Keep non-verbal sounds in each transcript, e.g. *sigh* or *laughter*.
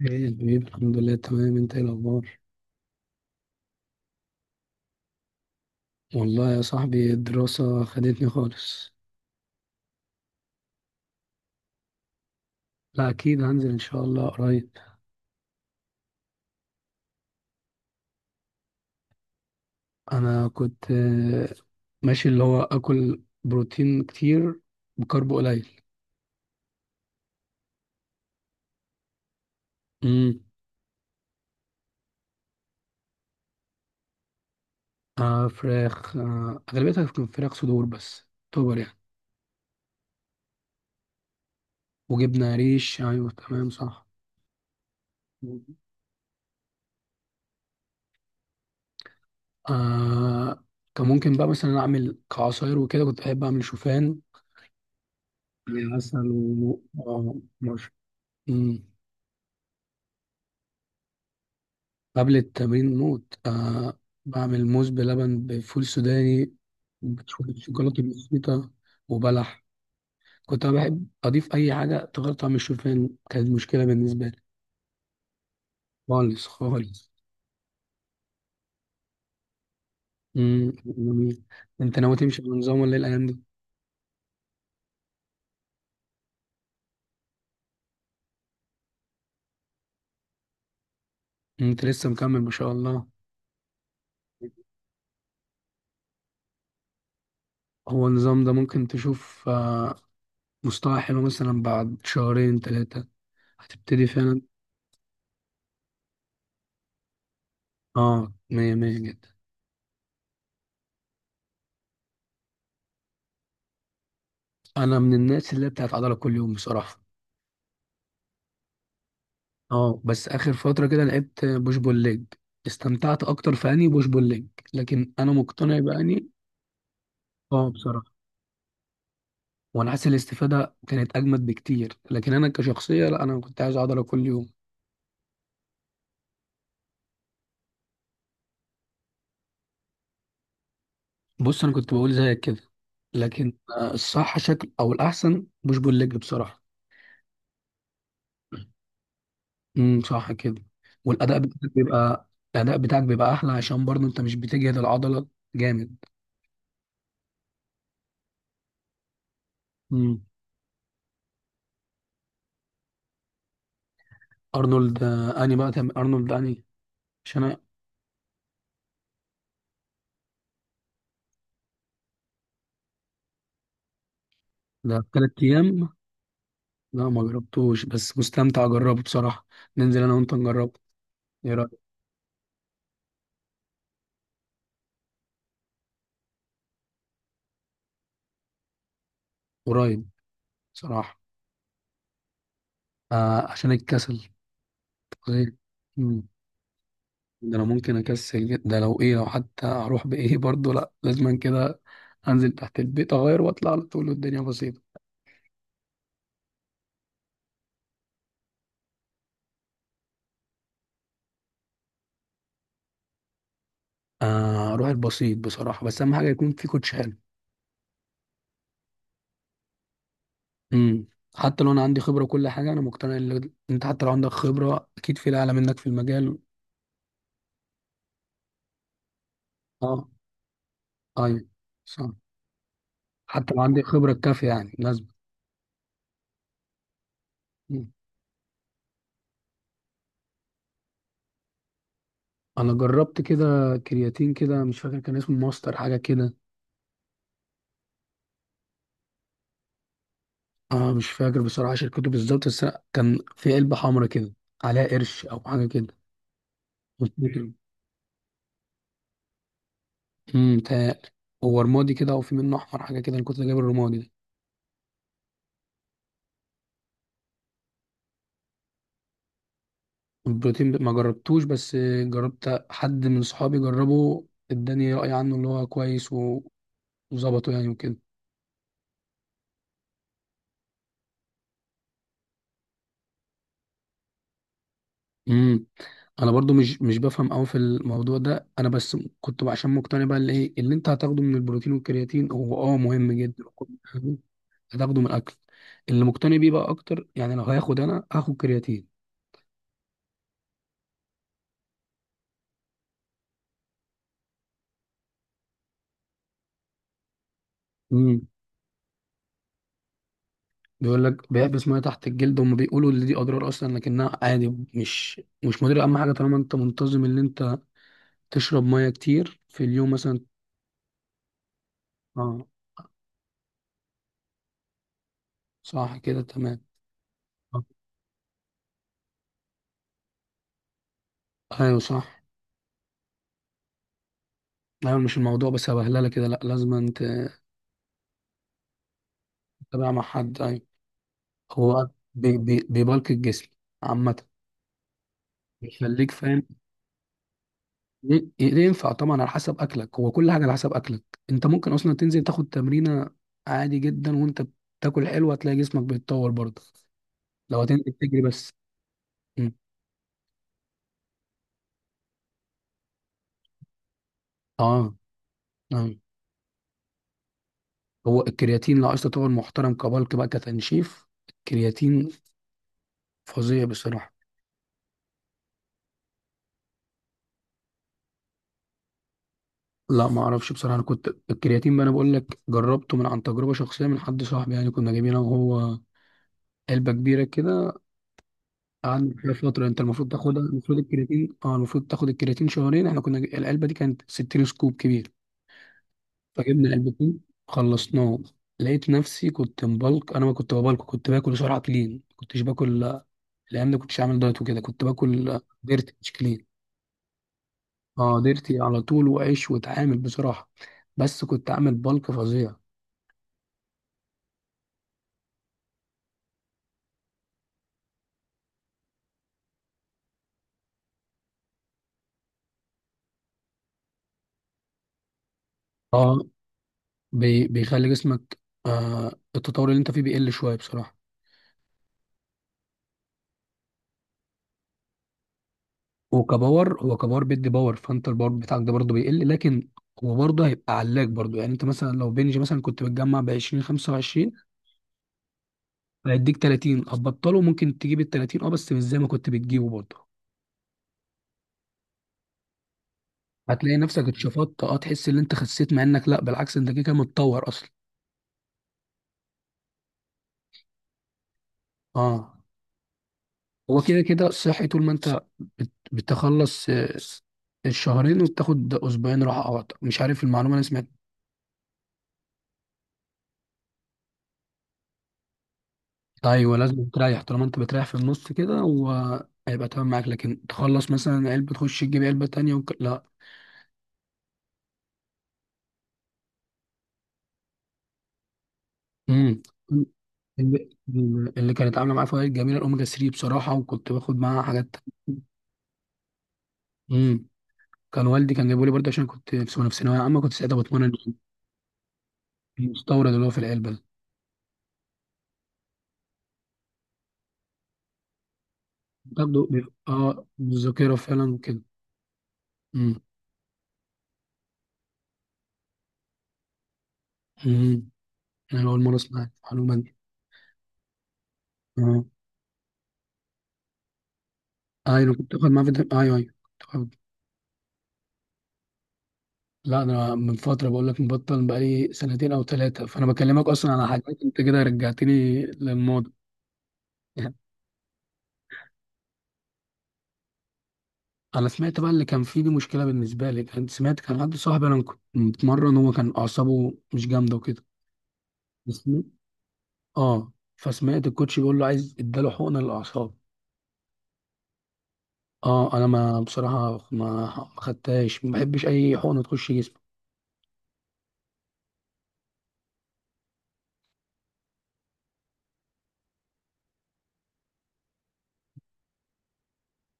ايه البيب، الحمد لله تمام. انت ايه الاخبار؟ والله يا صاحبي، الدراسة خدتني خالص. لا، اكيد هنزل ان شاء الله قريب. انا كنت ماشي، اللي هو اكل بروتين كتير، بكرب قليل. امم. فراخ، اغلبيتها كانت فراخ صدور بس، توبر يعني. وجبنة ريش، ايوه تمام صح. آه كان ممكن بقى مثلا اعمل كعصاير، وكده كنت بحب اعمل شوفان، عسل و آه، مش- مم. قبل التمرين موت، آه. بعمل موز بلبن بفول سوداني، بشوية شوكولاتة بسيطة، وبلح. كنت أنا بحب أضيف أي حاجة تغير طعم الشوفان كانت مشكلة بالنسبة لي. خالص خالص. امم، جميل. أنت ناوي تمشي بنظام ولا إيه الأيام دي؟ أنت لسه مكمل، ما شاء الله. هو النظام ده ممكن تشوف مستوى حلو مثلا بعد شهرين 3، هتبتدي فعلا. اه، مية مية جدا. أنا من الناس اللي بتاعت عضلة كل يوم بصراحة. اه، بس اخر فتره كده لعبت بوش بول ليج، استمتعت اكتر في اني بوش بول ليج. لكن انا مقتنع باني. اه، بصراحه، وانا حاسس الاستفاده كانت اجمد بكتير، لكن انا كشخصيه، لا، انا كنت عايز اقعد كل يوم. بص، انا كنت بقول زيك كده، لكن الصح شكل او الاحسن بوش بول ليج بصراحه. امم، صح كده. والاداء بتاعك بيبقى. الاداء بتاعك بيبقى احلى، عشان برضه انت مش بتجهد العضله، جامد. امم. ارنولد، اني بقى تم ارنولد اني، عشان انا. ده 3 ايام؟ لا، ما جربتوش، بس مستمتع اجربه بصراحه. ننزل انا وانت نجربه، ايه رايك؟ قريب، بصراحه. عشان الكسل، غير. مم. ده انا ممكن ده لو ايه، لو حتى هروح بايه *laughs* برضه، لا، لازما كده. انزل تحت البيت اغير واطلع على طول، والدنيا بسيطه. اروح البسيط بصراحه، بس اهم حاجه يكون في كوتش حلو. امم. حتى لو انا عندي خبره وكل حاجه، انا مقتنع ان انت حتى لو عندك خبره، اكيد في اعلى منك في المجال. اه، ايوه، صح. حتى لو عندي خبره كافيه يعني لازم. انا جربت كده كرياتين كده، مش فاكر كان اسمه ماستر حاجه كده. اه، مش فاكر بصراحه شركته بالظبط، بس أنا كان في علبه حمرا كده، عليها قرش او حاجه كده. مم. امم، متهيألي هو رمادي كده، او في منه احمر حاجه كده. انا كنت جايب الرمادي ده. البروتين ما جربتوش، بس جربت حد من صحابي جربه، اداني راي عنه اللي هو كويس وظبطه يعني وكده. امم. انا برضو مش بفهم قوي في الموضوع ده، انا بس كنت عشان مقتنع بقى اللي ايه اللي انت هتاخده من البروتين والكرياتين، هو مهم جدا وكل حاجة. هتاخده من الاكل اللي مقتنع بيه بقى اكتر. يعني لو هياخد انا هاخد كرياتين. امم. بيقول لك بيحبس ميه تحت الجلد. هم بيقولوا ان دي اضرار اصلا، لكنها عادي، مش مضره. اهم حاجه طالما انت منتظم ان انت تشرب ميه كتير في اليوم مثلا. اه، صح كده، تمام. آه. ايوه، صح. ايوه، مش الموضوع بس هبهلله كده. لا، لازم انت تابع مع حد، أيوة. هو بي بي بيبلك الجسم عامة، بيخليك فاهم. ينفع طبعا على حسب أكلك. هو كل حاجة على حسب أكلك. أنت ممكن أصلا تنزل تاخد تمرينة عادي جدا، وأنت بتاكل حلو، هتلاقي جسمك بيتطور برضه. لو هتنزل تجري بس. م. أه، أيوة. هو الكرياتين لو عايز تطور محترم، كبلك بقى، كتنشيف الكرياتين فظيع بصراحة. لا، ما اعرفش بصراحه. انا كنت الكرياتين بقى، انا بقول لك جربته من عن تجربه شخصيه من حد صاحبي يعني، كنا جايبينه وهو علبه كبيره كده. قعدنا فيها فترة. انت المفروض تاخدها، المفروض الكرياتين المفروض تاخد الكرياتين شهرين. احنا كنا العلبة دي كانت 60 سكوب كبير، فجبنا العلبتين، خلصناه. لقيت نفسي كنت مبلك. انا ما كنت ببلك، كنت باكل سرعة كلين، كنتش باكل. الايام دي كنتش عامل دايت وكده، كنت باكل ديرتي مش كلين. اه، ديرتي على طول وعيش واتعامل بصراحة، بس كنت عامل بلك فظيع. اه، بيخلي جسمك، التطور اللي انت فيه بيقل شوية بصراحة. وكباور، هو كباور بيدي باور، فانت الباور بتاعك ده برضه بيقل، لكن هو برضه هيبقى علاك برضه. يعني انت مثلا لو بنجي مثلا كنت بتجمع ب 20 25، هيديك 30. هتبطله ممكن تجيب ال 30، اه، بس مش زي ما كنت بتجيبه برضه. هتلاقي نفسك اتشفطت، تحس ان انت خسيت، مع انك لا، بالعكس، انت كده كده متطور اصلا. اه. هو كده كده صحي طول ما انت بتخلص الشهرين، وبتاخد اسبوعين راحه او أكتر. مش عارف المعلومه انا سمعتها. ايوه، لازم تريح. طالما انت بتريح في النص كده، وهيبقى تمام معاك. لكن تخلص مثلا علبه تخش تجيب علبه تانية لا. امم. اللي, اللي كانت عامله معايا فوائد جميله الاوميجا 3 بصراحه، وكنت باخد معاها حاجات تانية. امم. كان والدي كان جايبه لي برضه، عشان كنت في سنه في ثانويه عامه، كنت ساعتها بتمرن. المستورد اللي هو في العلبه ده. برضه الذاكره فعلا كده. امم. امم، انا اول مره اسمع المعلومه دي. اه. ايوه، كنت باخد معاه فيتامين، ايوه ايوه، كنت باخد. لا، انا من فتره بقول لك مبطل بقالي سنتين او 3، فانا بكلمك اصلا على حاجات انت كده رجعتني للماضي. *laughs* يعني. انا سمعت بقى اللي كان فيه، دي مشكله بالنسبه لي. كنت سمعت كان حد صاحبي انا كنت متمرن، هو كان اعصابه مش جامده وكده، بس. اه، فسمعت الكوتش بيقول له عايز اداله حقنه للاعصاب. اه، انا ما بصراحه ما خدتهاش، ما بحبش اي حقنه تخش جسمي.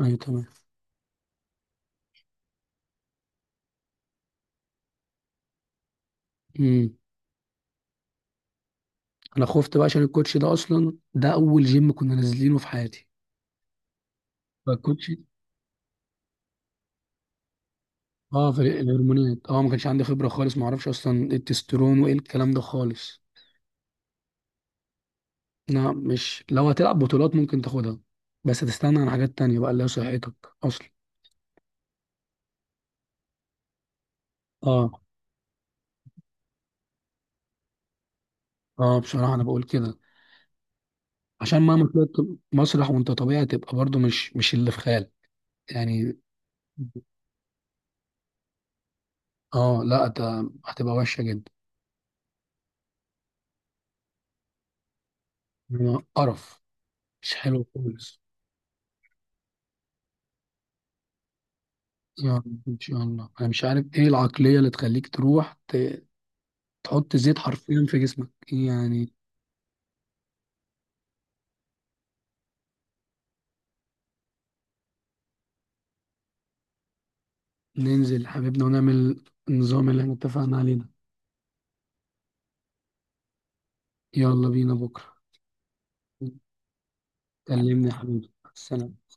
ايوه، تمام. امم. انا خفت بقى عشان الكوتش ده اصلا، ده اول جيم كنا نازلينه في حياتي. فالكوتش اه في الهرمونات، ما كانش عندي خبره خالص، ما اعرفش اصلا إيه التستيرون وايه الكلام ده خالص. لا، مش لو هتلعب بطولات ممكن تاخدها، بس هتستنى عن حاجات تانية بقى اللي هي صحتك اصلا. اه. اه، بصراحه انا بقول كده، عشان مهما طلعت مسرح وانت طبيعي، تبقى برضو مش اللي في خيال. يعني. اه، لا، هتبقى وحشه جدا. إنما قرف. مش حلو خالص. يا رب ان شاء الله. انا مش عارف ايه العقليه اللي تخليك تروح تحط زيت حرفيا في جسمك يعني. ننزل حبيبنا، ونعمل النظام اللي احنا اتفقنا عليه ده. يلا بينا بكرة. كلمني يا حبيبي، سلام.